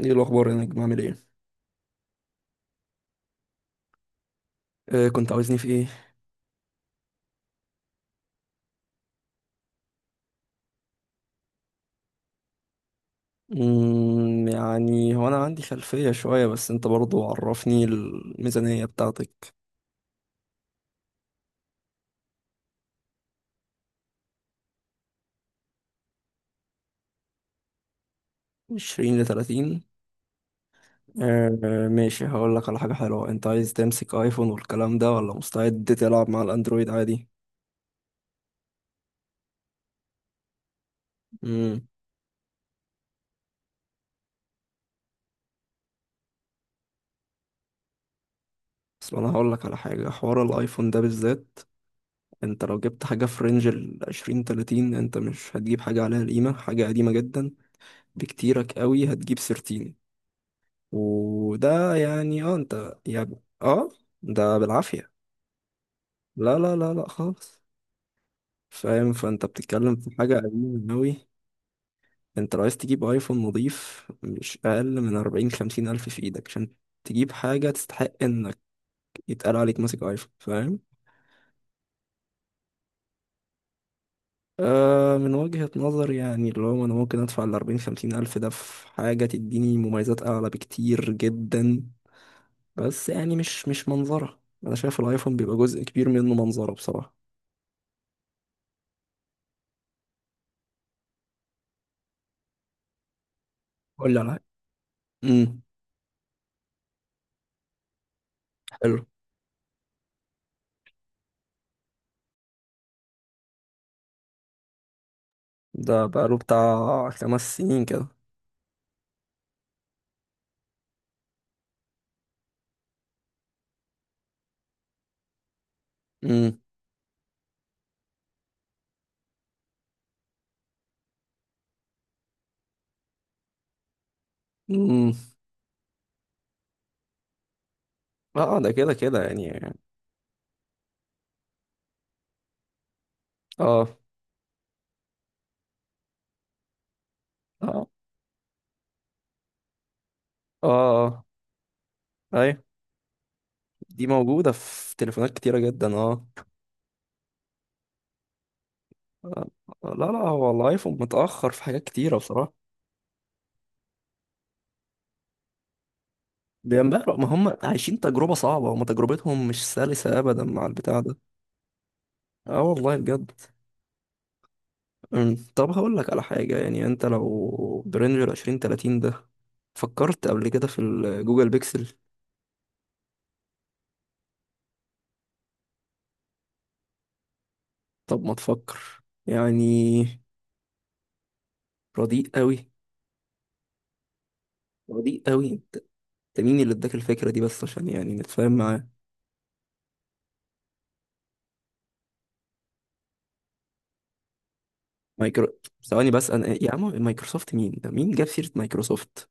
ايه الاخبار يا نجم؟ عامل ايه؟ آه، كنت عاوزني في ايه؟ يعني هو انا عندي خلفية شوية، بس انت برضو عرفني الميزانية بتاعتك. 20 ل 30؟ آه آه، ماشي، هقول لك على حاجة حلوة. انت عايز تمسك ايفون والكلام ده، ولا مستعد تلعب مع الاندرويد عادي؟ امم. بس انا هقول لك على حاجة، حوار الايفون ده بالذات، انت لو جبت حاجة في رينج ال 20 30 انت مش هتجيب حاجة عليها قيمة، حاجة قديمة جدا. بكتيرك قوي هتجيب 13، وده يعني انت يعني اه ده بالعافية. لا لا لا لا، خالص. فاهم؟ فانت بتتكلم في حاجة قديمة أوي. انت لو عايز تجيب ايفون نضيف، مش أقل من أربعين خمسين ألف في ايدك، عشان تجيب حاجة تستحق انك يتقال عليك ماسك ايفون، فاهم؟ آه، من وجهة نظر، يعني اللي هو انا ممكن ادفع الأربعين خمسين ألف ده في حاجة تديني مميزات أعلى بكتير جدا، بس يعني مش منظرة. انا شايف الايفون بيبقى جزء كبير منه منظرة بصراحة. قول لي على، امم، حلو. ده بقاله بتاع خمس سنين كده. امم. امم. اه ده كده كده يعني. اه اه. اه اه. ايوه، دي موجودة في تليفونات كتيرة جدا اه آه، لا لا، هو الايفون متأخر في حاجات كتيرة بصراحة. بينبهروا؟ ما هم عايشين تجربة صعبة، هم تجربتهم مش سلسة أبدا مع البتاع ده. اه والله بجد. طب هقول لك على حاجة، يعني انت لو برينج العشرين تلاتين ده، فكرت قبل كده في الجوجل بيكسل؟ طب ما تفكر يعني. رديء قوي؟ رديء قوي انت؟ انت مين اللي اداك الفكره دي بس، عشان يعني نتفاهم معاه. مايكرو، ثواني بس، انا يا عم مايكروسوفت مين ده؟ مين جاب سيره مايكروسوفت؟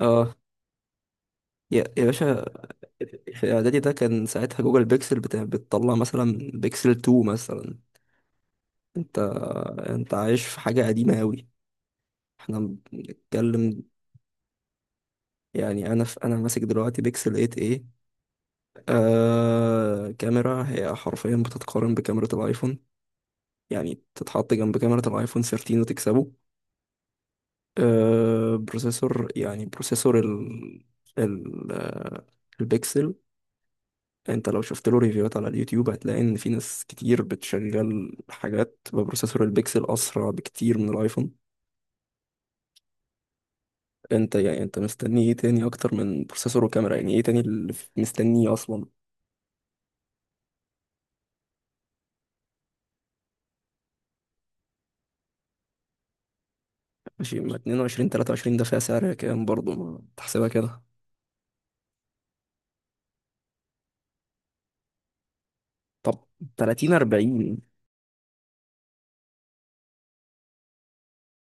اه. يا باشا، في اعدادي ده كان ساعتها جوجل بيكسل بتطلع مثلا بيكسل 2 مثلا. انت، انت عايش في حاجه قديمه قوي، احنا بنتكلم. يعني انا انا ماسك دلوقتي بيكسل 8 ايه. كاميرا هي حرفيا بتتقارن بكاميرا الايفون، يعني تتحط جنب كاميرا الايفون 13 وتكسبه. بروسيسور، يعني بروسيسور ال البيكسل. انت لو شفت له ريفيوهات على اليوتيوب هتلاقي ان في ناس كتير بتشغل حاجات ببروسيسور البيكسل اسرع بكتير من الايفون. انت يعني انت مستني ايه تاني اكتر من بروسيسور وكاميرا؟ يعني ايه تاني اللي مستنيه اصلا؟ ماشي، ما 22 23 ده فيها سعر كام برضه؟ ما تحسبها كده. طب 30 40؟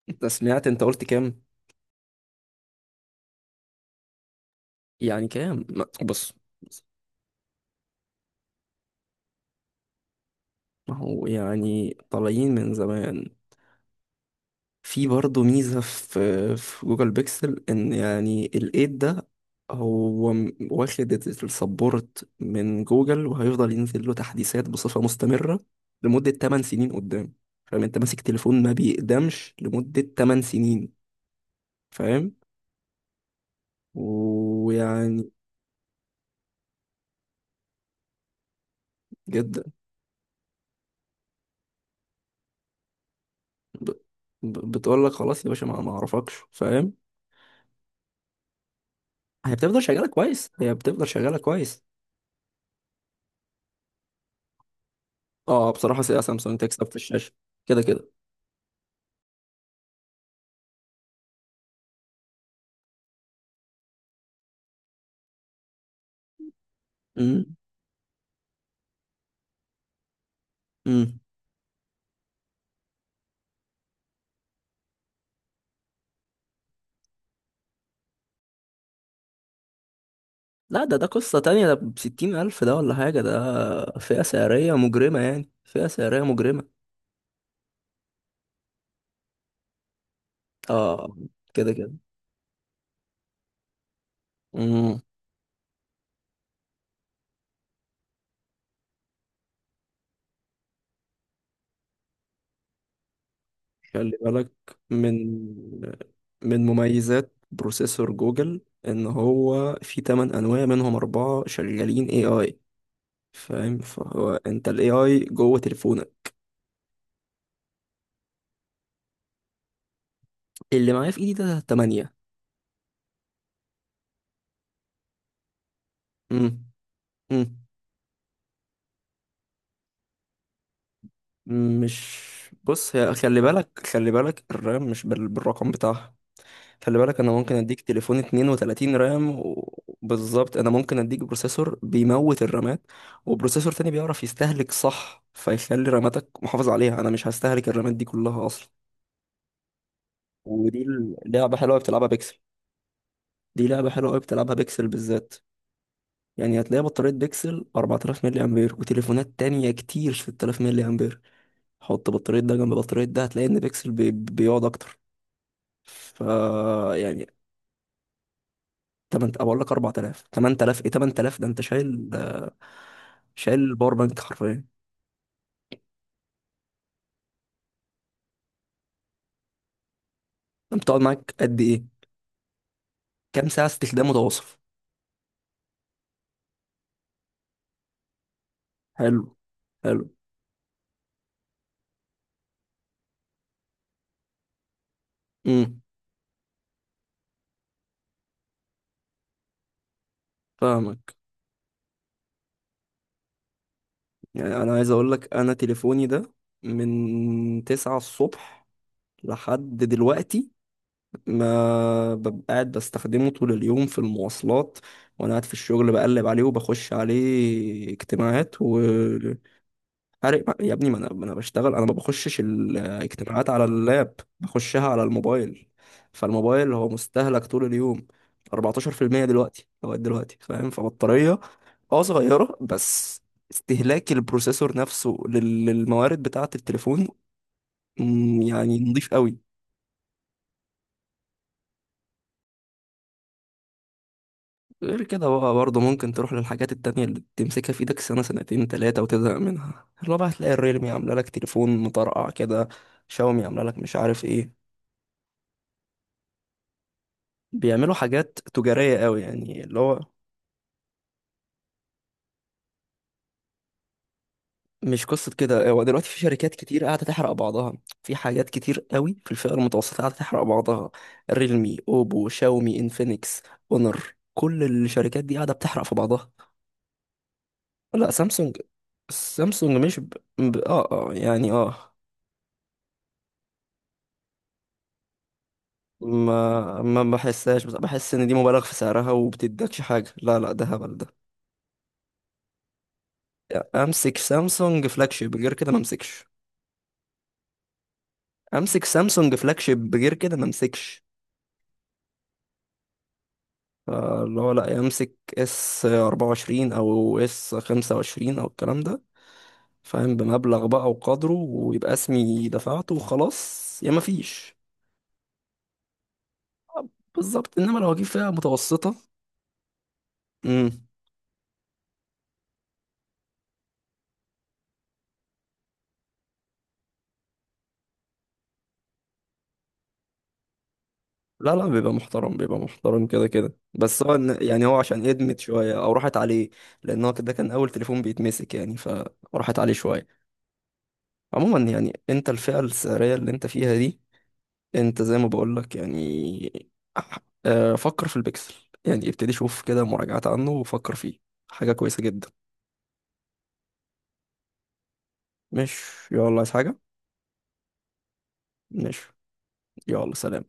انت سمعت؟ انت قلت كام؟ يعني كام، بص بص، ما هو يعني طالعين من زمان. في برضه ميزة في جوجل بيكسل، ان يعني الايد ده، هو واخد السبورت من جوجل وهيفضل ينزل له تحديثات بصفة مستمرة لمدة 8 سنين قدام. فاهم؟ انت ماسك تليفون ما بيقدمش لمدة 8 سنين، فاهم؟ ويعني جدا. ب... بتقول لك خلاص يا باشا، ما اعرفكش، فاهم؟ هي بتفضل شغالة كويس، هي بتفضل شغالة كويس. اه، بصراحة سيئة، سامسونج تكسب في الشاشة كده كده. امم. امم. لا، ده قصة تانية، ده بستين ألف ده ولا حاجة، ده فئة سعرية مجرمة، يعني فئة سعرية مجرمة. اه، كده كده. امم. خلي بالك، من من مميزات بروسيسور جوجل، ان هو في 8 انواع منهم اربعة شغالين اي اي، فاهم؟ فهو انت الاي اي جوه تليفونك. اللي معايا في ايدي ده 8. امم. مش، بص، هي خلي بالك، خلي بالك الرام مش بالرقم بتاعها. خلي بالك، انا ممكن اديك تليفون 32 رام بالظبط، انا ممكن اديك بروسيسور بيموت الرامات، وبروسيسور تاني بيعرف يستهلك صح فيخلي راماتك محافظ عليها، انا مش هستهلك الرامات دي كلها اصلا. ودي لعبة حلوة أوي بتلعبها بيكسل، دي لعبة حلوة أوي بتلعبها بيكسل بالذات. يعني هتلاقي بطارية بيكسل 4000 ملي أمبير، وتليفونات تانية كتير 6000 ملي أمبير. حط بطارية ده جنب بطارية ده هتلاقي إن بيكسل بيقعد أكتر. ف، يعني 8، اقول لك 4000، 8000 ايه؟ 8000 ده انت شايل الباور بانك حرفيا. انت بتقعد معاك قد ايه؟ كام ساعه استخدام متواصل؟ حلو. حلو. امم. فاهمك. يعني انا عايز اقول لك، انا تليفوني ده من 9 الصبح لحد دلوقتي ما ببقى قاعد بستخدمه طول اليوم، في المواصلات وانا قاعد في الشغل بقلب عليه وبخش عليه اجتماعات و، عارف يا ابني، ما انا بشتغل، انا ما بخشش الاجتماعات على اللاب، بخشها على الموبايل، فالموبايل هو مستهلك طول اليوم. 14% دلوقتي لغايه دلوقتي، فاهم؟ فبطاريه اه صغيره، بس استهلاك البروسيسور نفسه للموارد بتاعه التليفون، يعني نضيف قوي. غير كده بقى برضه ممكن تروح للحاجات التانية اللي تمسكها في ايدك سنة سنتين تلاتة وتزهق منها، اللي هو بقى هتلاقي الريلمي عاملة لك تليفون مطرقع كده، شاومي عاملة لك مش عارف ايه، بيعملوا حاجات تجارية قوي، يعني اللي هو، مش قصة كده، هو دلوقتي في شركات كتير قاعدة تحرق بعضها. في حاجات كتير قوي في الفئة المتوسطة قاعدة تحرق بعضها، ريلمي، اوبو، شاومي، انفينكس، اونر، كل الشركات دي قاعدة بتحرق في بعضها. لا سامسونج، سامسونج مش ب... ب... اه اه يعني اه ما ما بحسهاش بس بحس ان دي مبالغ في سعرها وبتدكش حاجة، لا لا ده هبل ده. يعني امسك سامسونج فلاج شيب غير كده ما امسكش، امسك سامسونج فلاج شيب غير كده ما امسكش، اللي هو لا يمسك اس 24 او اس 25 او الكلام ده، فاهم؟ بمبلغ بقى وقدره ويبقى اسمي دفعته وخلاص، يا ما فيش. بالظبط، انما لو هجيب فئة متوسطة. امم. لا لا بيبقى محترم، بيبقى محترم كده كده، بس هو يعني هو عشان ادمت شوية او راحت عليه، لان هو كده كان اول تليفون بيتمسك يعني، فراحت عليه شوية. عموما، يعني انت الفئة السعرية اللي انت فيها دي، انت زي ما بقولك يعني، أح- فكر في البكسل، يعني ابتدي شوف كده مراجعات عنه وفكر فيه، حاجة كويسة جدا. مش، يلا عايز حاجة؟ مش، يلا سلام.